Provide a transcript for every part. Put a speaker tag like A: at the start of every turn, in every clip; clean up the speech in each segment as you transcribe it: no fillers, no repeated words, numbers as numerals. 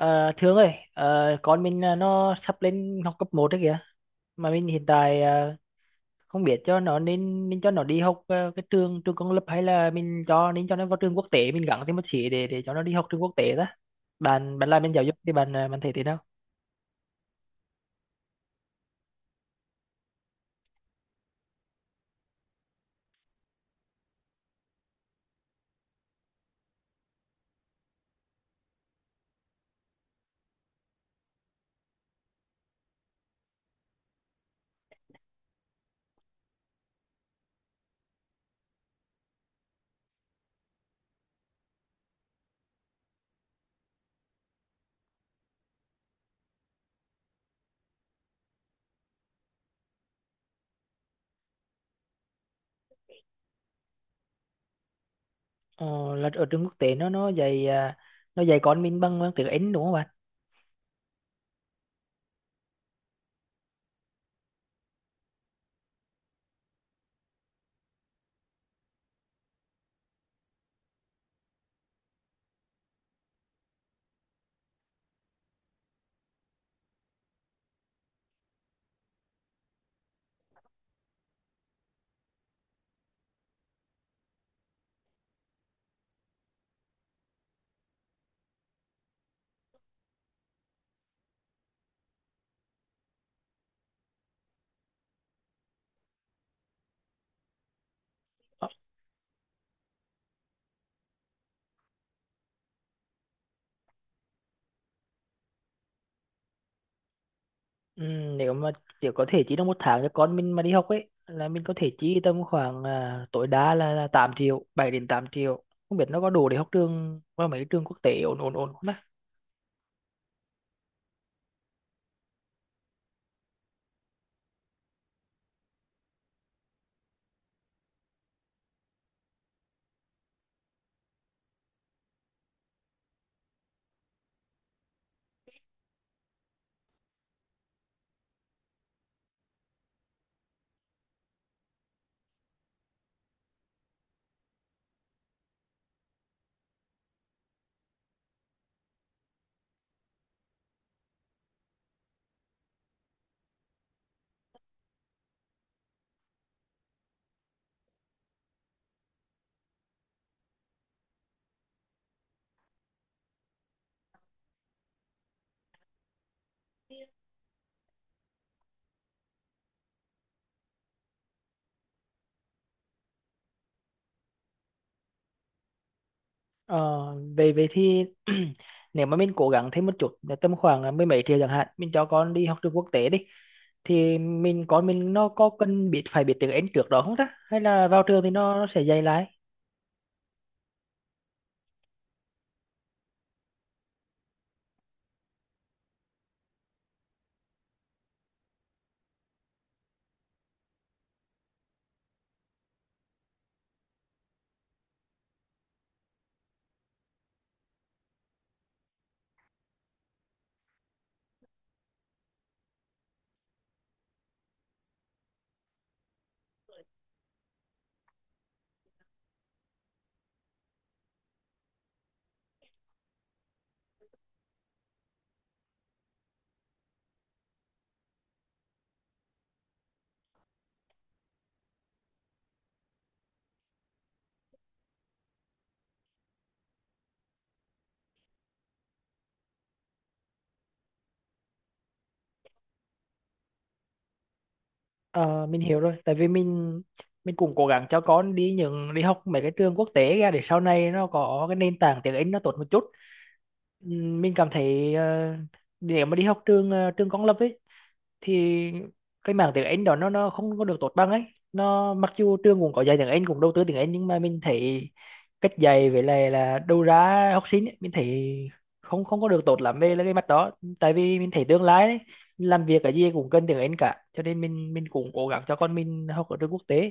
A: À, Thương ơi, con mình nó sắp lên học cấp một đấy kìa. Mà mình hiện tại không biết cho nó nên nên cho nó đi học cái trường trường công lập hay là mình nên cho nó vào trường quốc tế, mình gắng thêm một xí để cho nó đi học trường quốc tế đó. Bạn bạn làm bên giáo dục thì bạn bạn thấy thế nào? Ờ, là ở trường quốc tế nó dạy nó dạy con mình bằng tiếng Anh đúng không bạn? Ừ, nếu mà chỉ có thể chi trong một tháng cho con mình mà đi học ấy, là mình có thể chi tầm khoảng tối đa là 8 triệu 7 đến 8 triệu, không biết nó có đủ để học trường qua mấy trường quốc tế ổn ổn ổn không ta. ờ, Về về thì nếu mà mình cố gắng thêm một chút là tầm khoảng là mười mấy triệu chẳng hạn, mình cho con đi học trường quốc tế đi, thì mình con mình nó có cần biết phải biết tiếng Anh trước đó không ta, hay là vào trường thì nó sẽ dạy lại? Ờ, mình hiểu rồi, tại vì mình cũng cố gắng cho con đi những đi học mấy cái trường quốc tế ra để sau này nó có cái nền tảng tiếng Anh nó tốt một chút. Mình cảm thấy nếu mà đi học trường công lập ấy thì cái mảng tiếng Anh đó nó không có được tốt bằng ấy, nó mặc dù trường cũng có dạy tiếng Anh, cũng đầu tư tiếng Anh, nhưng mà mình thấy cách dạy với lại là đầu ra học sinh ấy, mình thấy không không có được tốt lắm về là cái mặt đó, tại vì mình thấy tương lai đấy làm việc cái gì cũng cần tiếng Anh cả, cho nên mình cũng cố gắng cho con mình học ở trường quốc tế.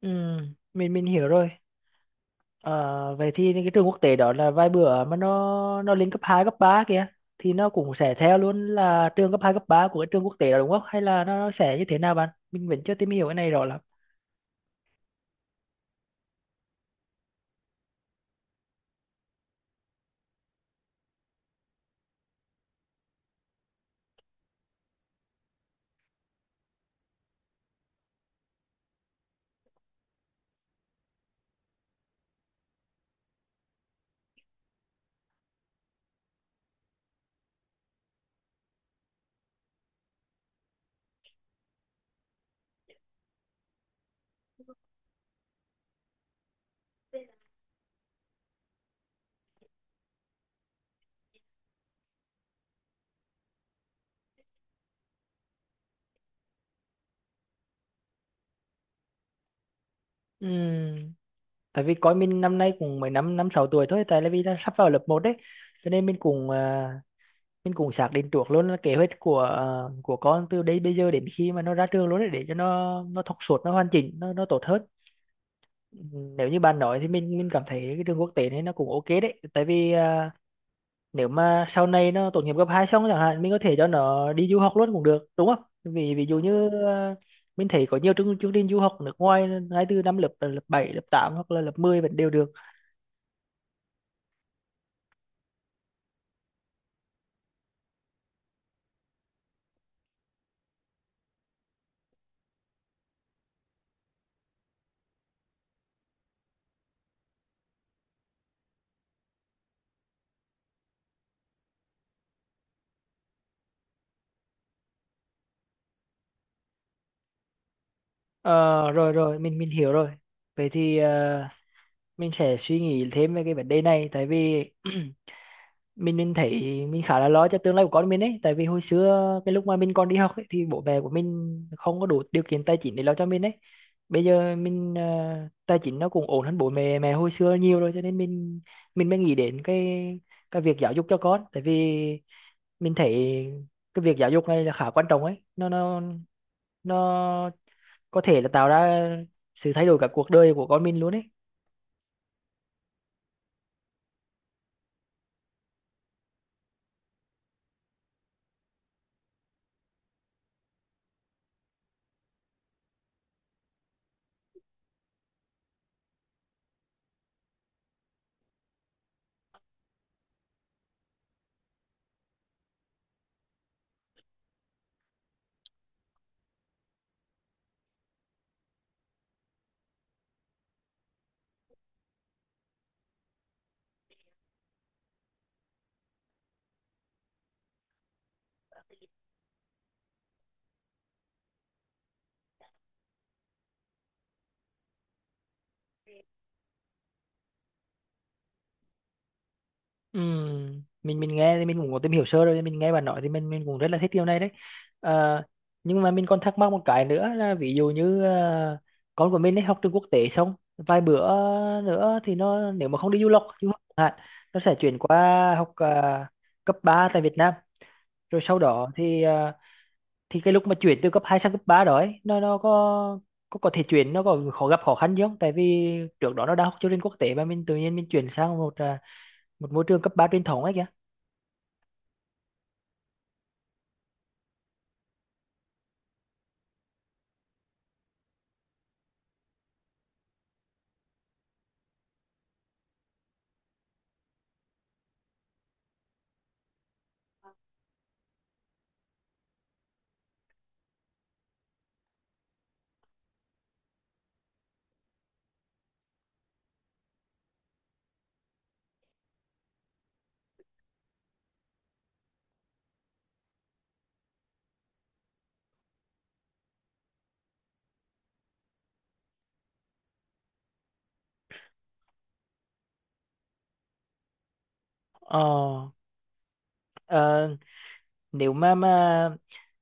A: Ừ, mình hiểu rồi. Ờ, vậy thì những cái trường quốc tế đó là vài bữa mà nó lên cấp 2 cấp 3 kìa, thì nó cũng sẽ theo luôn là trường cấp 2 cấp 3 của cái trường quốc tế đó đúng không? Hay là nó sẽ như thế nào bạn? Mình vẫn chưa tìm hiểu cái này rõ lắm. Ừm, Tại vì coi mình năm nay cũng mới năm năm sáu tuổi thôi, tại là vì là sắp vào lớp một đấy. Cho nên mình cũng mình cũng xác định trước luôn là kế hoạch của của con từ đây bây giờ đến khi mà nó ra trường luôn đấy, để cho nó thọc suốt, nó hoàn chỉnh, nó tốt hơn. Nếu như bạn nói thì mình cảm thấy cái trường quốc tế này nó cũng ok đấy, tại vì nếu mà sau này nó tốt nghiệp cấp 2 xong chẳng hạn, mình có thể cho nó đi du học luôn cũng được đúng không, vì ví dụ như mình thấy có nhiều chương trình du học nước ngoài ngay từ năm lớp lớp 7, lớp 8 hoặc là lớp mười vẫn đều được. Ờ, rồi rồi mình hiểu rồi. Vậy thì mình sẽ suy nghĩ thêm về cái vấn đề này, tại vì mình thấy mình khá là lo cho tương lai của con mình ấy, tại vì hồi xưa cái lúc mà mình còn đi học ấy, thì bố mẹ của mình không có đủ điều kiện tài chính để lo cho mình ấy. Bây giờ mình tài chính nó cũng ổn hơn bố mẹ mẹ hồi xưa nhiều rồi, cho nên mình mới nghĩ đến cái việc giáo dục cho con, tại vì mình thấy cái việc giáo dục này là khá quan trọng ấy, nó có thể là tạo ra sự thay đổi cả cuộc đời của con mình luôn ấy. Ừ, mình nghe thì mình cũng có tìm hiểu sơ rồi, mình nghe bạn nói thì mình cũng rất là thích điều này đấy. Ờ, nhưng mà mình còn thắc mắc một cái nữa là ví dụ như con của mình ấy học trường quốc tế xong vài bữa nữa thì nó, nếu mà không đi du học chẳng hạn, nó sẽ chuyển qua học cấp 3 tại Việt Nam, rồi sau đó thì thì cái lúc mà chuyển từ cấp 2 sang cấp 3 đó ấy, nó có có thể chuyển, nó có khó gặp khó khăn gì không, tại vì trước đó nó đã học chương trình quốc tế, mà mình tự nhiên mình chuyển sang một môi trường cấp 3 truyền thống ấy kìa. Ờ, ờ, nếu mà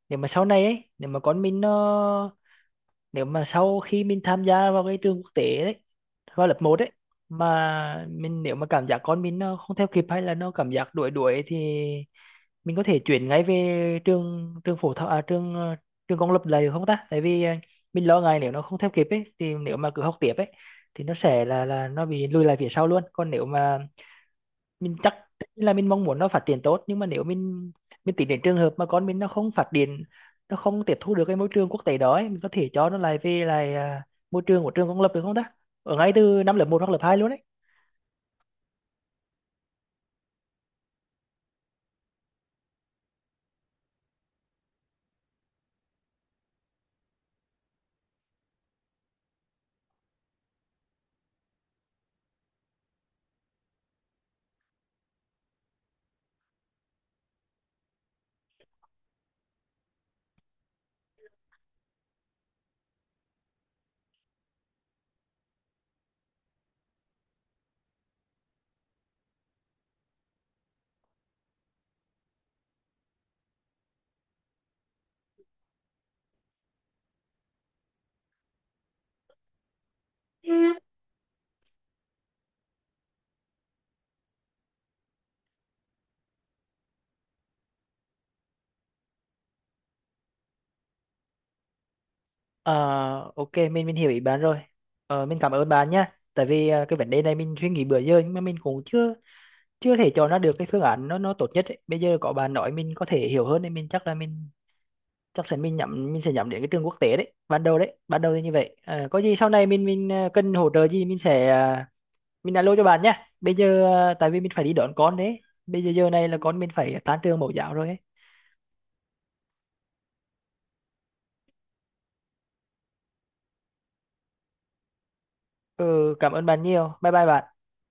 A: nếu mà sau này ấy, nếu mà con mình nó, nếu mà sau khi mình tham gia vào cái trường quốc tế đấy, vào lớp một đấy, mà mình nếu mà cảm giác con mình nó không theo kịp, hay là nó cảm giác đuổi đuổi thì mình có thể chuyển ngay về trường trường phổ thông trường trường công lập lại được không ta? Tại vì mình lo ngại nếu nó không theo kịp ấy, thì nếu mà cứ học tiếp ấy thì nó sẽ là nó bị lùi lại phía sau luôn. Còn nếu mà mình chắc là mình mong muốn nó phát triển tốt, nhưng mà nếu mình tính đến trường hợp mà con mình nó không phát triển, nó không tiếp thu được cái môi trường quốc tế đó ấy, mình có thể cho nó lại về lại môi trường của trường công lập được không ta, ở ngay từ năm lớp một hoặc lớp 2 luôn đấy. Ờ, ok, mình hiểu ý bạn rồi. Ờ, mình cảm ơn bạn nha, tại vì cái vấn đề này mình suy nghĩ bữa giờ, nhưng mà mình cũng chưa chưa thể cho nó được cái phương án nó tốt nhất ấy. Bây giờ có bạn nói mình có thể hiểu hơn, nên mình chắc là mình chắc chắn mình nhắm, mình sẽ nhắm đến cái trường quốc tế đấy ban đầu, đấy ban đầu thì như vậy. Ờ, có gì sau này mình cần hỗ trợ gì mình sẽ mình alo cho bạn nhé. Bây giờ tại vì mình phải đi đón con đấy, bây giờ giờ này là con mình phải tan trường mẫu giáo rồi ấy. Ừ, cảm ơn bạn nhiều, bye bye bạn.